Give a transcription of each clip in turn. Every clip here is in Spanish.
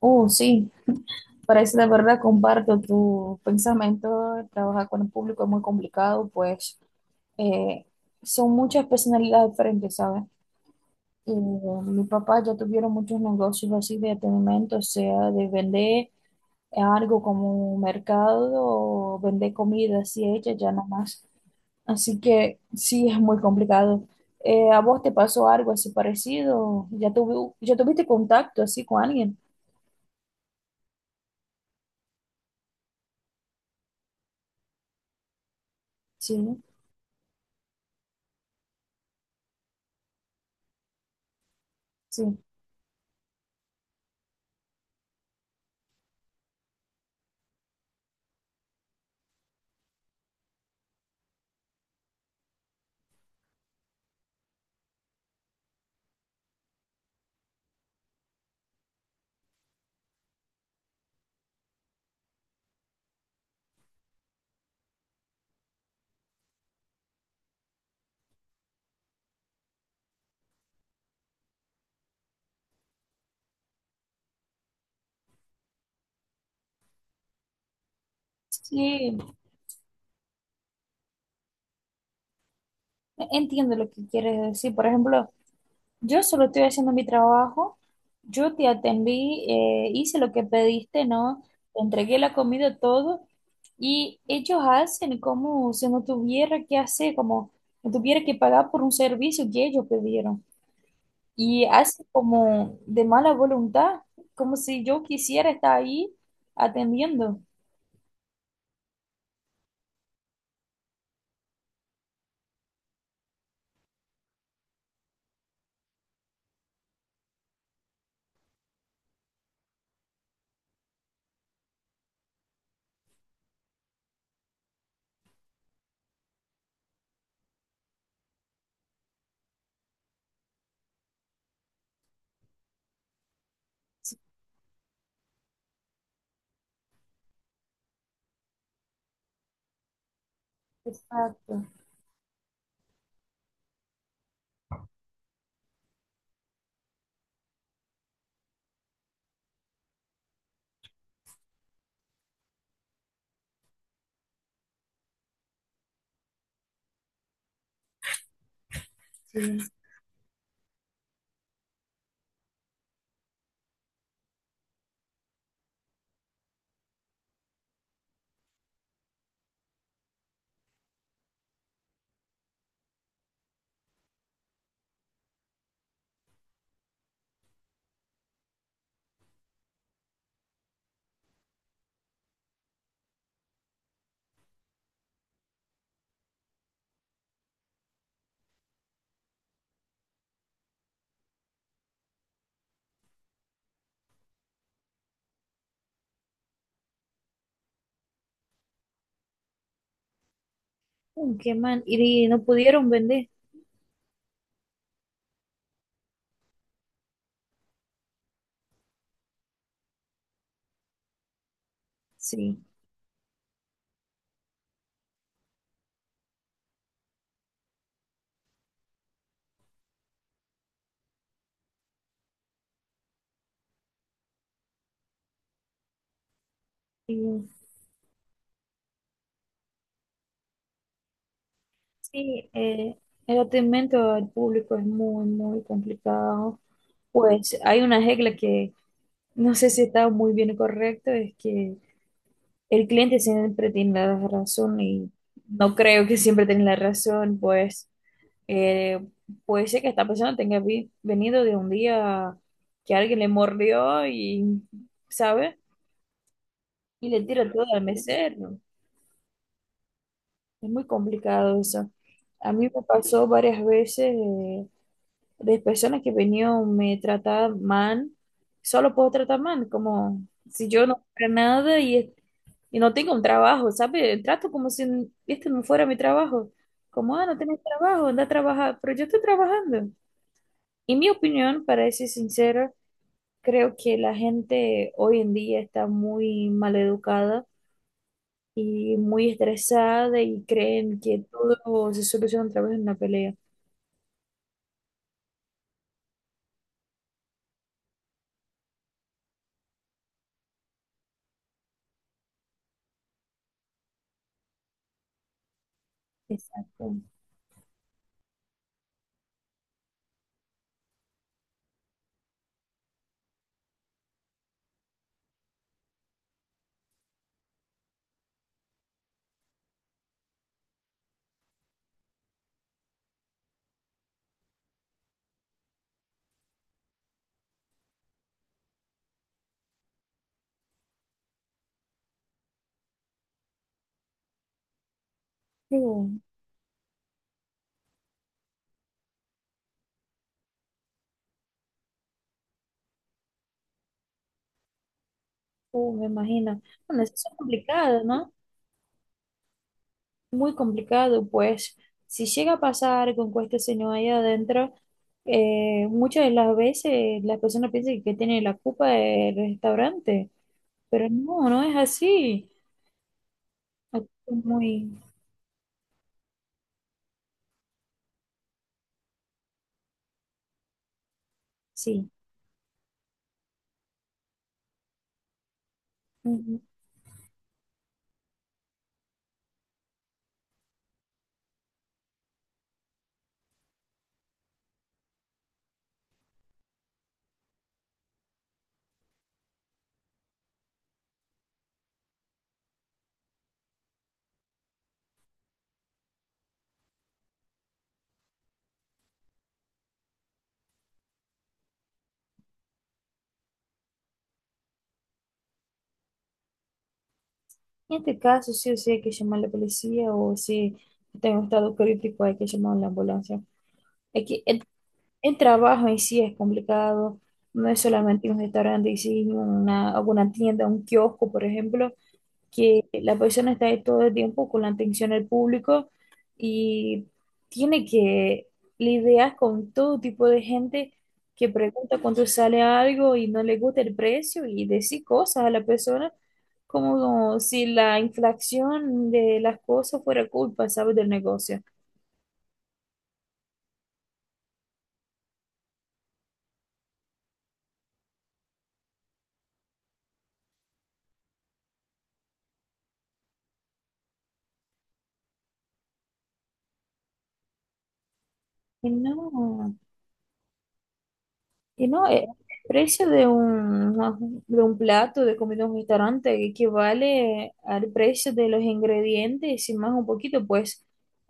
Oh sí, parece de verdad comparto tu pensamiento. Trabajar con el público es muy complicado, pues eh, son muchas personalidades diferentes, ¿sabes? Y, mi papá ya tuvieron muchos negocios así de atendimiento, o sea, de vender algo como un mercado o vender comida así hecha, ya nada más. Así que sí, es muy complicado. ¿A vos te pasó algo así parecido? ¿ Ya tuviste contacto así con alguien? Sí, sí. Sí, entiendo lo que quieres decir. Por ejemplo, yo solo estoy haciendo mi trabajo, yo te atendí, hice lo que pediste, ¿no? Te entregué la comida, todo, y ellos hacen como si no tuviera que hacer, como si no tuviera que pagar por un servicio que ellos pidieron. Y hacen como de mala voluntad, como si yo quisiera estar ahí atendiendo. Exacto. Sí. Mm, qué mal. Y no pudieron vender. Sí. Sí. Sí, el atendimiento al público es muy, muy complicado. Pues hay una regla que no sé si está muy bien correcto, es que el cliente siempre tiene la razón y no creo que siempre tenga la razón, pues eh, puede ser que esta persona venido de un día que alguien le mordió y, ¿sabe? Y le tira todo al mesero. Es muy complicado eso. A mí me pasó varias veces. De personas que venían me tratar mal, solo por tratar mal, como si yo no fuera nada y, y no tengo un trabajo, ¿sabe? Trato como si este no fuera mi trabajo, como, ah, no tenés trabajo, anda a trabajar, pero yo estoy trabajando. En mi opinión, para ser sincera, creo que la gente hoy en día está muy mal educada y muy estresada y creen que todo se soluciona a través de una pelea. Exacto. Sí. Me imagino. Bueno, eso es complicado, ¿no? Muy complicado, pues si llega a pasar con que este señor ahí adentro, muchas de las veces las personas piensan que tiene la culpa del restaurante, pero no, no es así. Aquí es muy, sí. Ujú. En este caso, sí o sí hay que llamar a la policía o si está en un estado crítico hay que llamar a la ambulancia. Aquí, el trabajo en sí es complicado, no es solamente un restaurante, sino una, alguna tienda, un kiosco, por ejemplo, que la persona está ahí todo el tiempo con la atención del público y tiene que lidiar con todo tipo de gente que pregunta cuánto sale algo y no le gusta el precio y decir cosas a la persona como si la inflación de las cosas fuera culpa, ¿sabes? Del negocio. Y no. Y no, el precio de un, no, de un plato de comida en un restaurante equivale al precio de los ingredientes y más un poquito, pues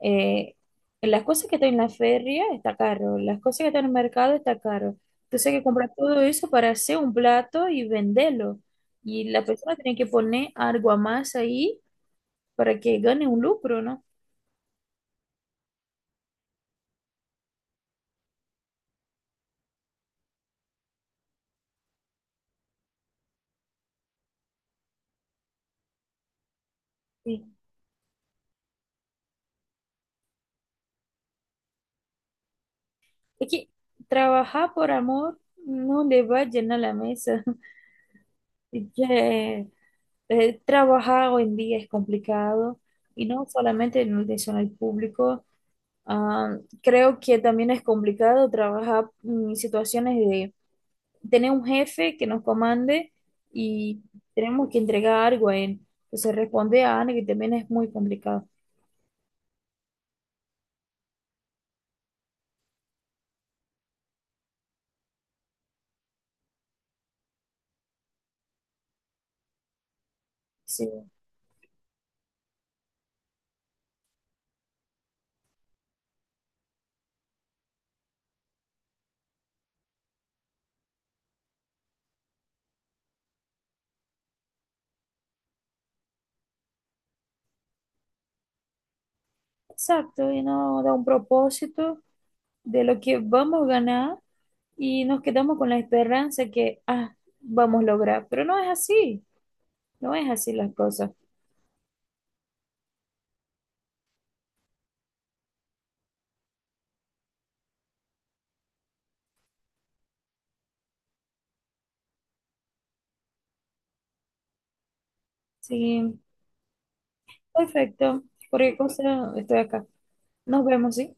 eh, las cosas que están en la feria está caro, las cosas que están en el mercado está caro. Entonces hay que comprar todo eso para hacer un plato y venderlo. Y la persona tiene que poner algo a más ahí para que gane un lucro, ¿no? Sí. Es que trabajar por amor no le va a llenar la mesa. Ya, el trabajar hoy en día es complicado y no solamente en el personal público. Ah, creo que también es complicado trabajar en situaciones de tener un jefe que nos comande y tenemos que entregar algo a él. Entonces responde a algo que también es muy complicado. Sí, exacto, y no da un propósito de lo que vamos a ganar y nos quedamos con la esperanza que ah, vamos a lograr, pero no es así, no es así las cosas. Sí, perfecto. Cualquier cosa, estoy acá. Nos vemos, ¿sí?